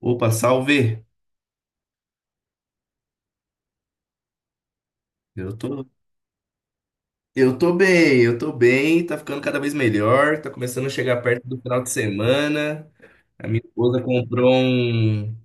Opa, salve! Eu tô, eu tô bem, eu tô bem, tá ficando cada vez melhor, tá começando a chegar perto do final de semana. A minha esposa comprou um,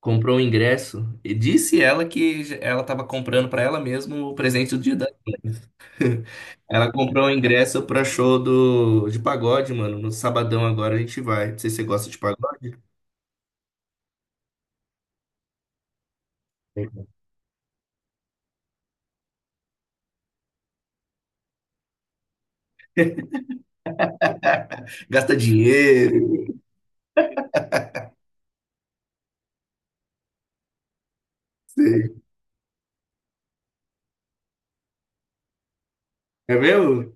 comprou um ingresso e disse ela que ela tava comprando pra ela mesma o presente do Dia das Mães. Ela comprou um ingresso pra show de pagode, mano. No sabadão agora a gente vai. Não sei se você gosta de pagode. Gasta dinheiro, sei. É mesmo?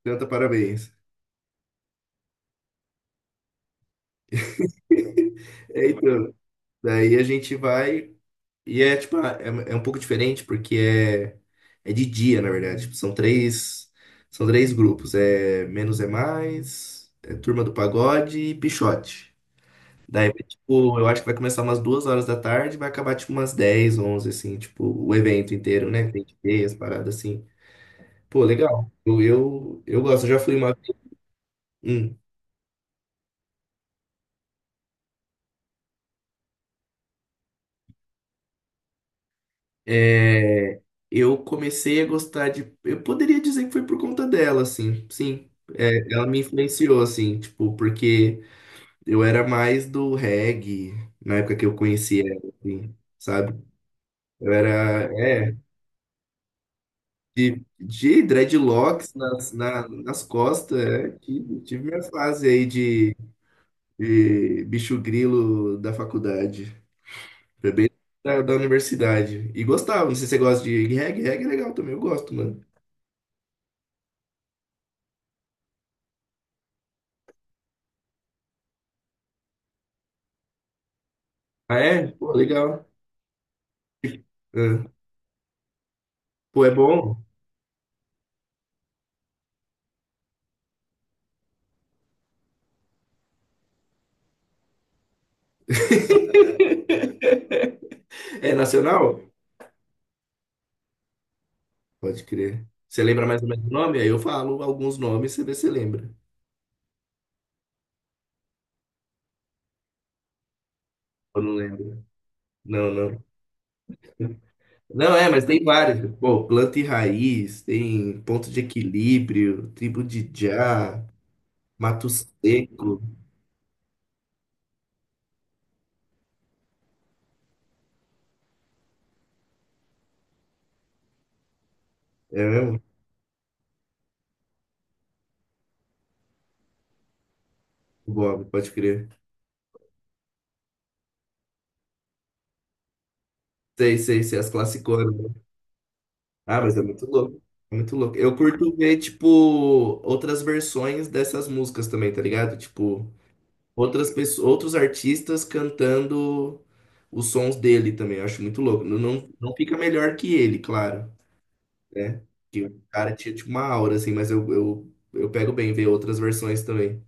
Então, tá, parabéns. É, então, daí a gente vai. E é tipo, ah, é um pouco diferente porque é de dia, na verdade. Tipo, são três grupos. É Menos é Mais, é Turma do Pagode e Pixote. Daí, tipo, eu acho que vai começar umas 2 horas da tarde, vai acabar tipo umas 10 11 assim, tipo, o evento inteiro, né? Tem que ter as paradas assim. Pô, legal. Eu gosto, eu já fui uma. É, eu comecei a gostar de. Eu poderia dizer que foi por conta dela, assim, sim. É, ela me influenciou, assim, tipo, porque eu era mais do reggae na época que eu conheci ela, assim, sabe? Eu era, é, de dreadlocks nas costas, é, tive minha fase aí de bicho grilo da faculdade, foi bem da universidade. E gostava, não sei se você gosta de reggae. Reggae é legal também, eu gosto, mano. Ah, é? Pô, legal. É. Pô, é bom. É nacional? Pode crer. Você lembra mais ou menos o nome? Aí eu falo alguns nomes, você vê se lembra. Eu não lembro. Não, não. Não, é, mas tem vários. Pô, Planta e Raiz, tem Ponto de Equilíbrio, Tribo de Já, Mato Seco. É mesmo? Bob, pode crer. Sei, sei, sei, as classiconas, né? Ah, mas é muito louco. É muito louco. Eu curto ver, tipo, outras versões dessas músicas também, tá ligado? Tipo, outras pessoas, outros artistas cantando os sons dele também. Eu acho muito louco. Não, não, não fica melhor que ele, claro, né? Que o cara tinha tipo uma aura assim, mas eu pego bem ver outras versões também.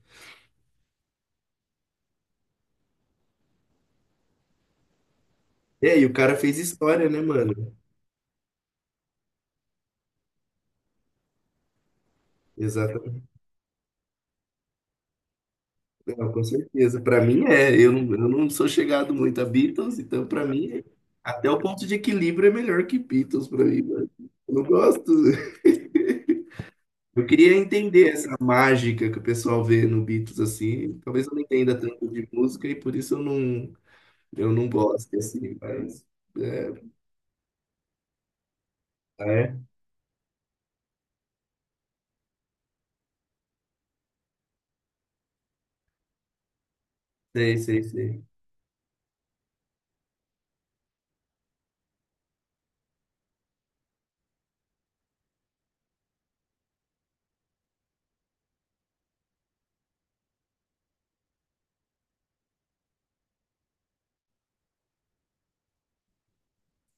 É, e o cara fez história, né, mano? Exatamente. Não, com certeza. Pra mim é. Eu não sou chegado muito a Beatles, então pra mim é até o Ponto de Equilíbrio é melhor que Beatles pra mim, mano. Eu não gosto. Eu queria entender essa mágica que o pessoal vê no Beatles assim. Talvez eu não entenda tanto de música e por isso eu não gosto assim, mas é. Ah, é? Sei, sei, sei.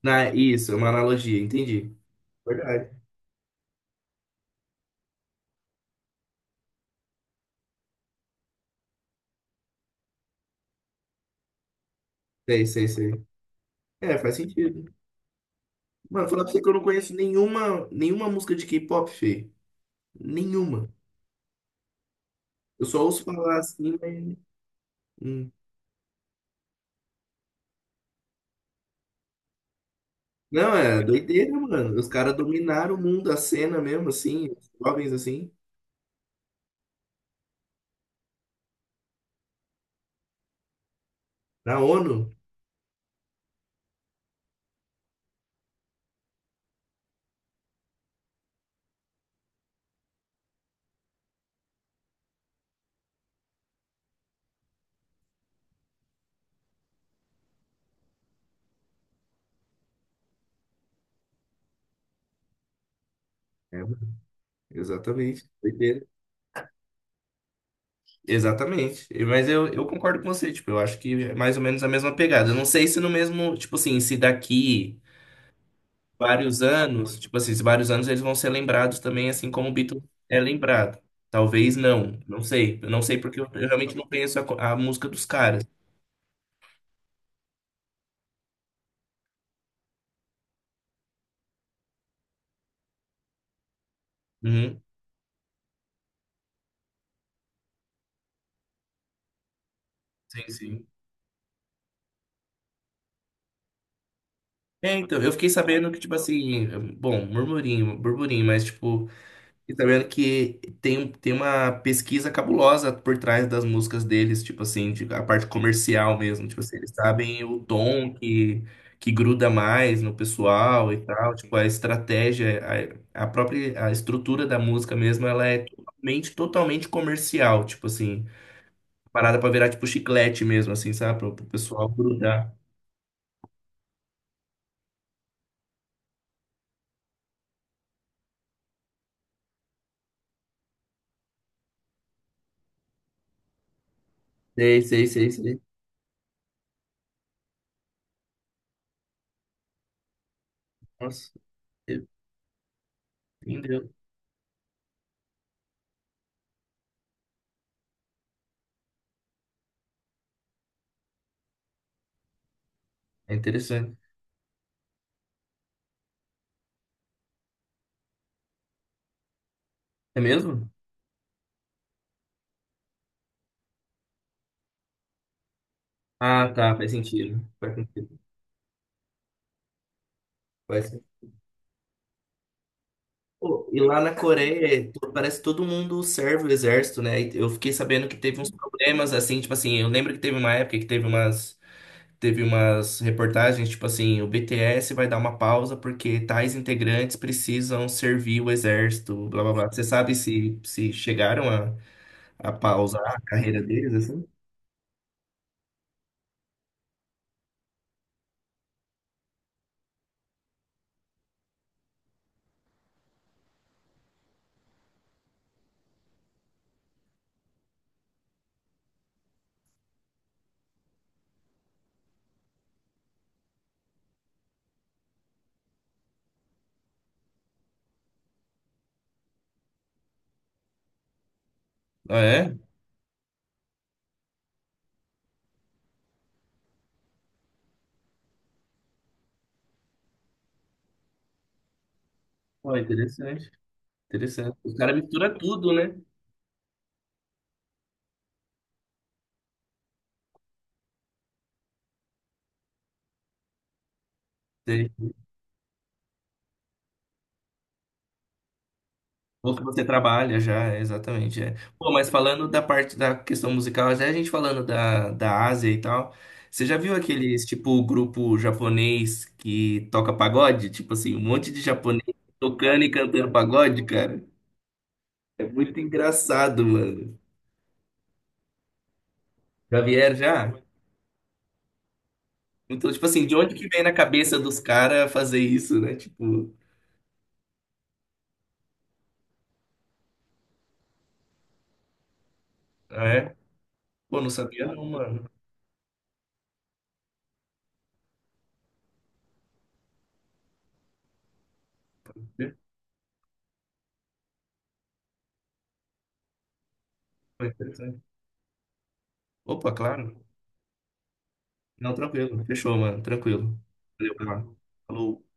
Na, isso, é uma analogia, entendi. Verdade. Sei, sei, sei. É, faz sentido. Mano, falar pra você que eu não conheço nenhuma música de K-pop, Fê. Nenhuma. Eu só ouço falar assim, mas. Hum. Não, é doideira, mano. Os caras dominaram o mundo, a cena mesmo assim, os jovens assim, na ONU. Exatamente. Doideira. Exatamente. E, mas eu concordo com você, tipo, eu acho que é mais ou menos a mesma pegada. Eu não sei se no mesmo, tipo assim, se daqui vários anos, tipo assim, se vários anos eles vão ser lembrados também, assim como o Beatles é lembrado. Talvez não, não sei. Eu não sei porque eu realmente não conheço a, co- a música dos caras. Uhum. Sim, sim. É, então, eu fiquei sabendo que, tipo assim, bom, murmurinho, burburinho, mas, tipo, e sabendo que tem, tem uma pesquisa cabulosa por trás das músicas deles, tipo assim, de a parte comercial mesmo, tipo assim, eles sabem o tom que gruda mais no pessoal e tal, tipo, a estratégia, a própria, a estrutura da música mesmo, ela é totalmente, totalmente comercial, tipo assim, parada pra virar tipo chiclete mesmo, assim, sabe, pro, pro pessoal grudar. Sei, sei, sei, sei. Nossa, entendeu? É interessante. É mesmo? Ah, tá, faz sentido. Faz sentido. Faz sentido. Pô, e lá na Coreia, to- parece que todo mundo serve o exército, né? E eu fiquei sabendo que teve uns problemas, assim, tipo assim, eu lembro que teve uma época que teve umas, reportagens, tipo assim, o BTS vai dar uma pausa porque tais integrantes precisam servir o exército, blá blá blá. Você sabe se, chegaram a pausar a carreira deles, assim? Ah, é? Ó, interessante, interessante. Os caras misturam tudo, né? Ou que você trabalha já, é, exatamente. É. Pô, mas falando da parte da questão musical, até a gente falando da Ásia e tal, você já viu aqueles, tipo, grupo japonês que toca pagode? Tipo assim, um monte de japonês tocando e cantando pagode, cara. É muito engraçado, mano. Já vieram já? Então, tipo assim, de onde que vem na cabeça dos caras fazer isso, né? Tipo, ah, é? Pô, não sabia não, mano. Foi interessante. Opa, claro. Não, tranquilo. Fechou, mano. Tranquilo. Valeu, cara. Falou.